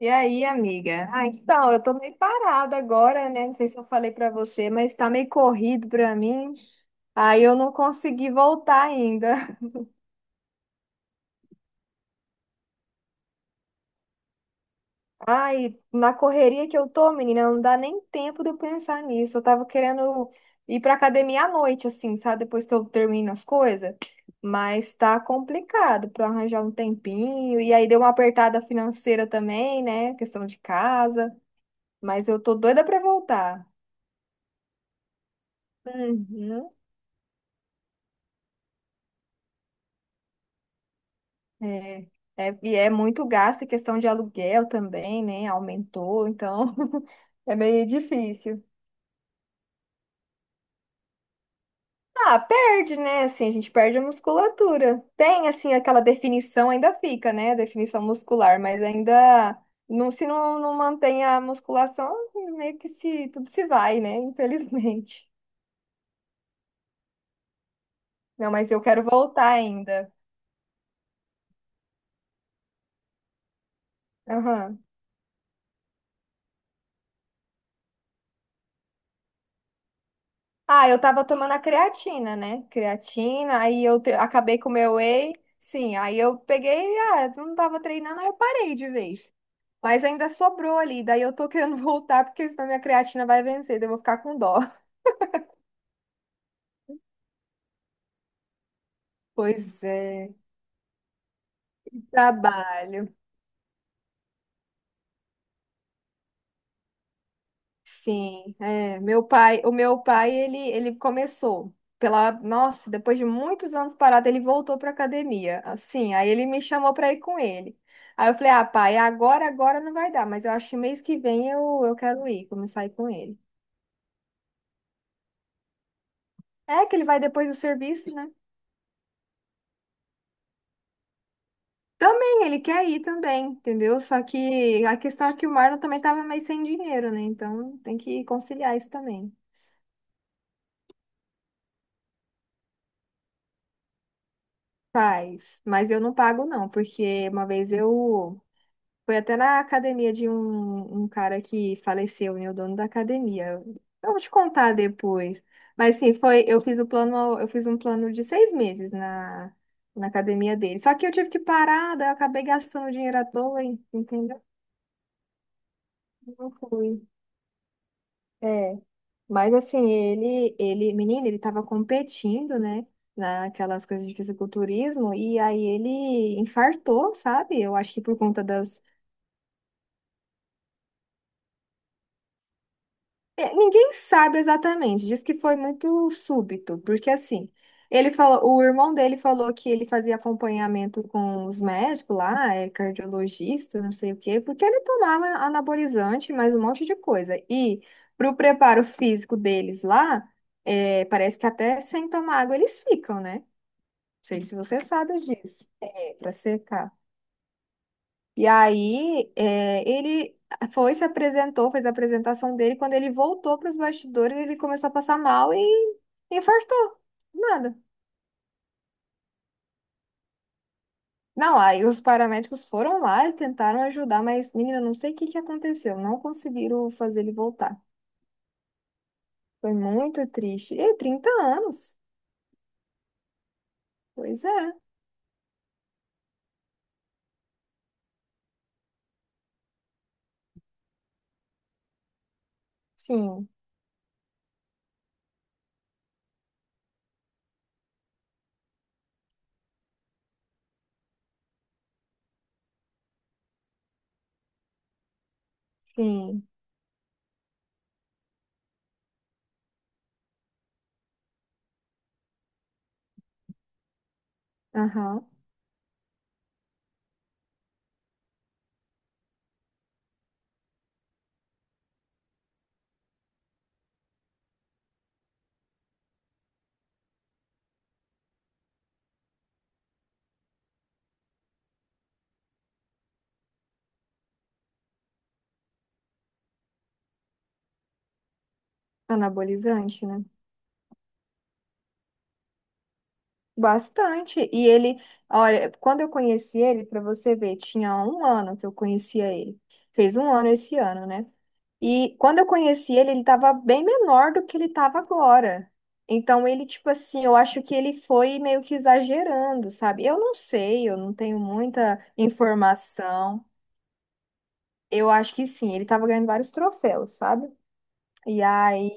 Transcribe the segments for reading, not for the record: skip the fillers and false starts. E aí, amiga? Ah, então, eu tô meio parada agora, né? Não sei se eu falei pra você, mas tá meio corrido pra mim. Aí eu não consegui voltar ainda. Ai, na correria que eu tô, menina, não dá nem tempo de eu pensar nisso. Eu tava querendo ir pra academia à noite, assim, sabe? Depois que eu termino as coisas. Mas tá complicado pra arranjar um tempinho. E aí deu uma apertada financeira também, né? Questão de casa. Mas eu tô doida pra voltar. Uhum. É, e é muito gasto, e questão de aluguel também, né? Aumentou, então é meio difícil. Ah, perde, né? Assim, a gente perde a musculatura. Tem, assim, aquela definição ainda fica, né? a definição muscular, mas ainda não, se não, não mantém a musculação, meio que se, tudo se vai, né? Infelizmente. Não, mas eu quero voltar ainda. Aham. Ah, eu tava tomando a creatina, né? Creatina, aí eu acabei com o meu whey. Sim, aí eu peguei, ah, não tava treinando, aí eu parei de vez. Mas ainda sobrou ali, daí eu tô querendo voltar, porque senão minha creatina vai vencer, daí eu vou ficar com dó. Pois é, trabalho. Sim, é, meu pai, o meu pai, ele começou pela, nossa, depois de muitos anos parado, ele voltou para academia. Assim, aí ele me chamou para ir com ele. Aí eu falei: "Ah, pai, agora não vai dar, mas eu acho que mês que vem eu quero ir, começar a ir com ele". É que ele vai depois do serviço, né? Também ele quer ir também, entendeu? Só que a questão é que o Marlon também tava meio sem dinheiro, né? Então tem que conciliar isso também. Faz, mas eu não pago não, porque uma vez eu foi até na academia de um cara que faleceu, né? O dono da academia. Eu vou te contar depois. Mas sim, foi, eu fiz o plano, eu fiz um plano de 6 meses na academia dele. Só que eu tive que parar, daí eu acabei gastando dinheiro à toa, hein, entendeu? Não fui. É. Mas assim, menino, ele tava competindo, né? Naquelas coisas de fisiculturismo, e aí ele infartou, sabe? Eu acho que por conta das é, ninguém sabe exatamente, diz que foi muito súbito, porque assim, ele falou, o irmão dele falou que ele fazia acompanhamento com os médicos lá, é cardiologista, não sei o quê, porque ele tomava anabolizante, mais um monte de coisa. E pro preparo físico deles lá, é, parece que até sem tomar água eles ficam, né? Não sei se você sabe disso. É, para secar. E aí, é, ele foi, se apresentou, fez a apresentação dele. Quando ele voltou para os bastidores, ele começou a passar mal e infartou. Do nada. Não, aí os paramédicos foram lá e tentaram ajudar, mas, menina, não sei o que que aconteceu. Não conseguiram fazer ele voltar. Foi muito triste. E 30 anos. Pois é. Sim, sim. Aham. Anabolizante, né? Bastante. E ele, olha, quando eu conheci ele, para você ver, tinha um ano que eu conhecia ele. Fez um ano esse ano, né? E quando eu conheci ele, ele estava bem menor do que ele estava agora. Então ele, tipo assim, eu acho que ele foi meio que exagerando, sabe? Eu não sei, eu não tenho muita informação. Eu acho que sim, ele estava ganhando vários troféus, sabe? E aí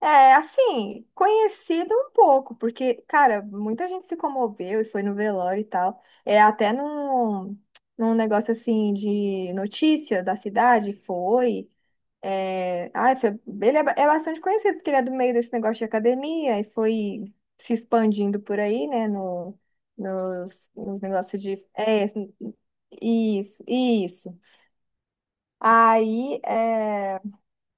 é, assim, conhecido um pouco, porque, cara, muita gente se comoveu e foi no velório e tal. É, até num negócio assim de notícia da cidade, foi. É, ai, foi, ele é, é bastante conhecido, porque ele é do meio desse negócio de academia e foi se expandindo por aí, né, no, nos, nos negócios de. É, isso, isso. Aí, é.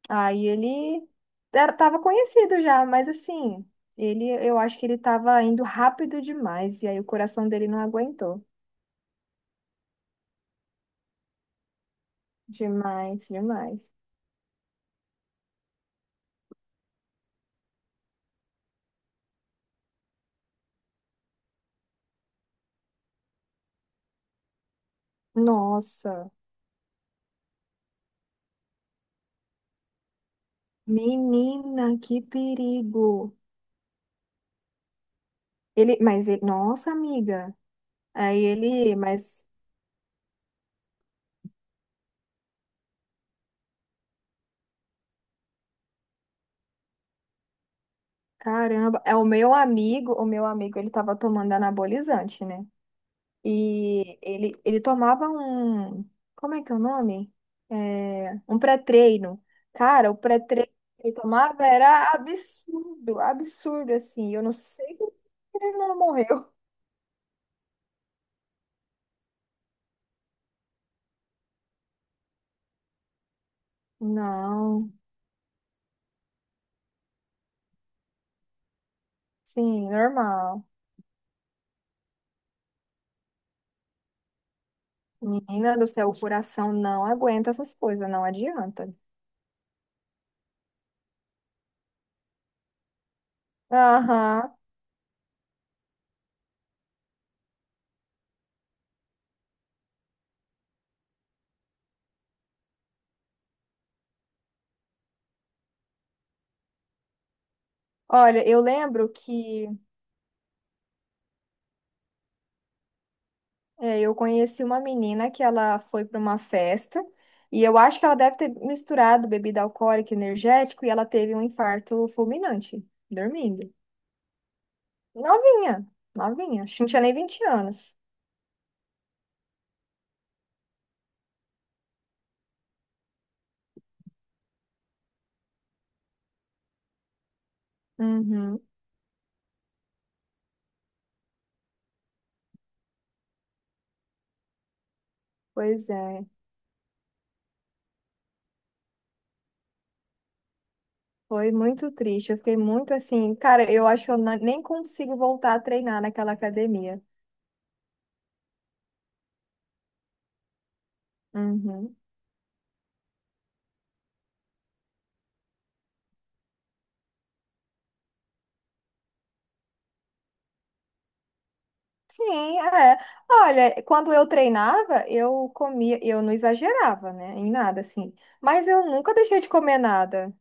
Aí ele era, tava conhecido já, mas assim, ele, eu acho que ele tava indo rápido demais, e aí o coração dele não aguentou. Demais, demais. Nossa, menina, que perigo. Ele, mas ele, nossa, amiga. Aí ele, mas caramba, é o meu amigo, ele tava tomando anabolizante, né? E ele tomava um. Como é que é o nome? É, um pré-treino. Cara, o pré-treino que ele tomava era absurdo, absurdo, assim. Eu não sei como ele não morreu. Não, sim, normal. Menina do céu, o coração não aguenta essas coisas, não adianta. Aham. Olha, eu lembro que é, eu conheci uma menina que ela foi para uma festa e eu acho que ela deve ter misturado bebida alcoólica e energético e ela teve um infarto fulminante, dormindo. Novinha, novinha, acho que não tinha nem 20 anos. Uhum, pois é, foi muito triste. Eu fiquei muito assim, cara, eu acho que eu nem consigo voltar a treinar naquela academia. Uhum. Sim, é. Olha, quando eu treinava, eu comia, eu não exagerava, né, em nada, assim. Mas eu nunca deixei de comer nada.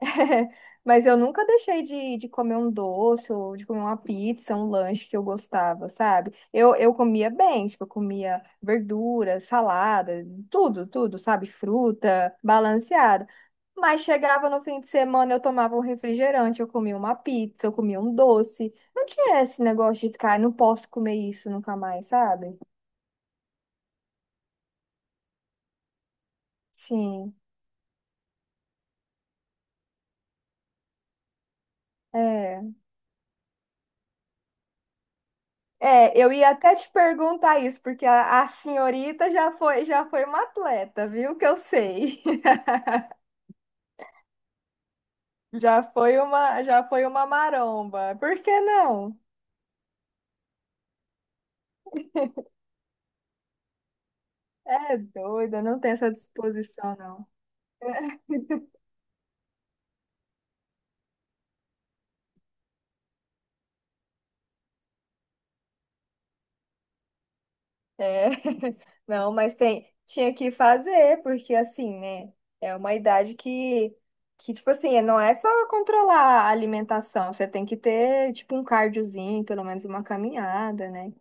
Mas eu nunca deixei de, comer um doce ou de comer uma pizza, um lanche que eu gostava, sabe? eu comia bem, tipo, eu comia verdura, salada, tudo, tudo, sabe? Fruta, balanceada. Mas chegava no fim de semana, eu tomava um refrigerante, eu comia uma pizza, eu comia um doce. Não tinha esse negócio de ficar, "Ai, não posso comer isso nunca mais, sabe? Sim, é. É, eu ia até te perguntar isso, porque a, senhorita já foi uma atleta, viu? Que eu sei. Já foi uma maromba. Por que não? É doida, não tem essa disposição, não. É, não, mas tem, tinha que fazer, porque assim, né? É uma idade que, tipo assim, não é só controlar a alimentação, você tem que ter, tipo, um cardiozinho, pelo menos uma caminhada, né?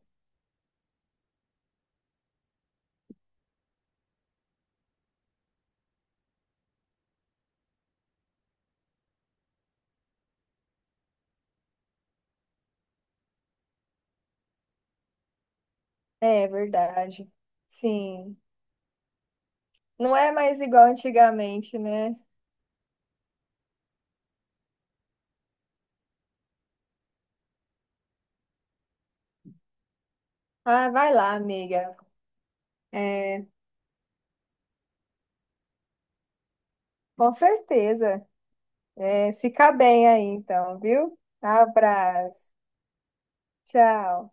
É verdade. Sim. Não é mais igual antigamente, né? Ah, vai lá, amiga. É, com certeza. É, fica bem aí, então, viu? Abraço. Tchau.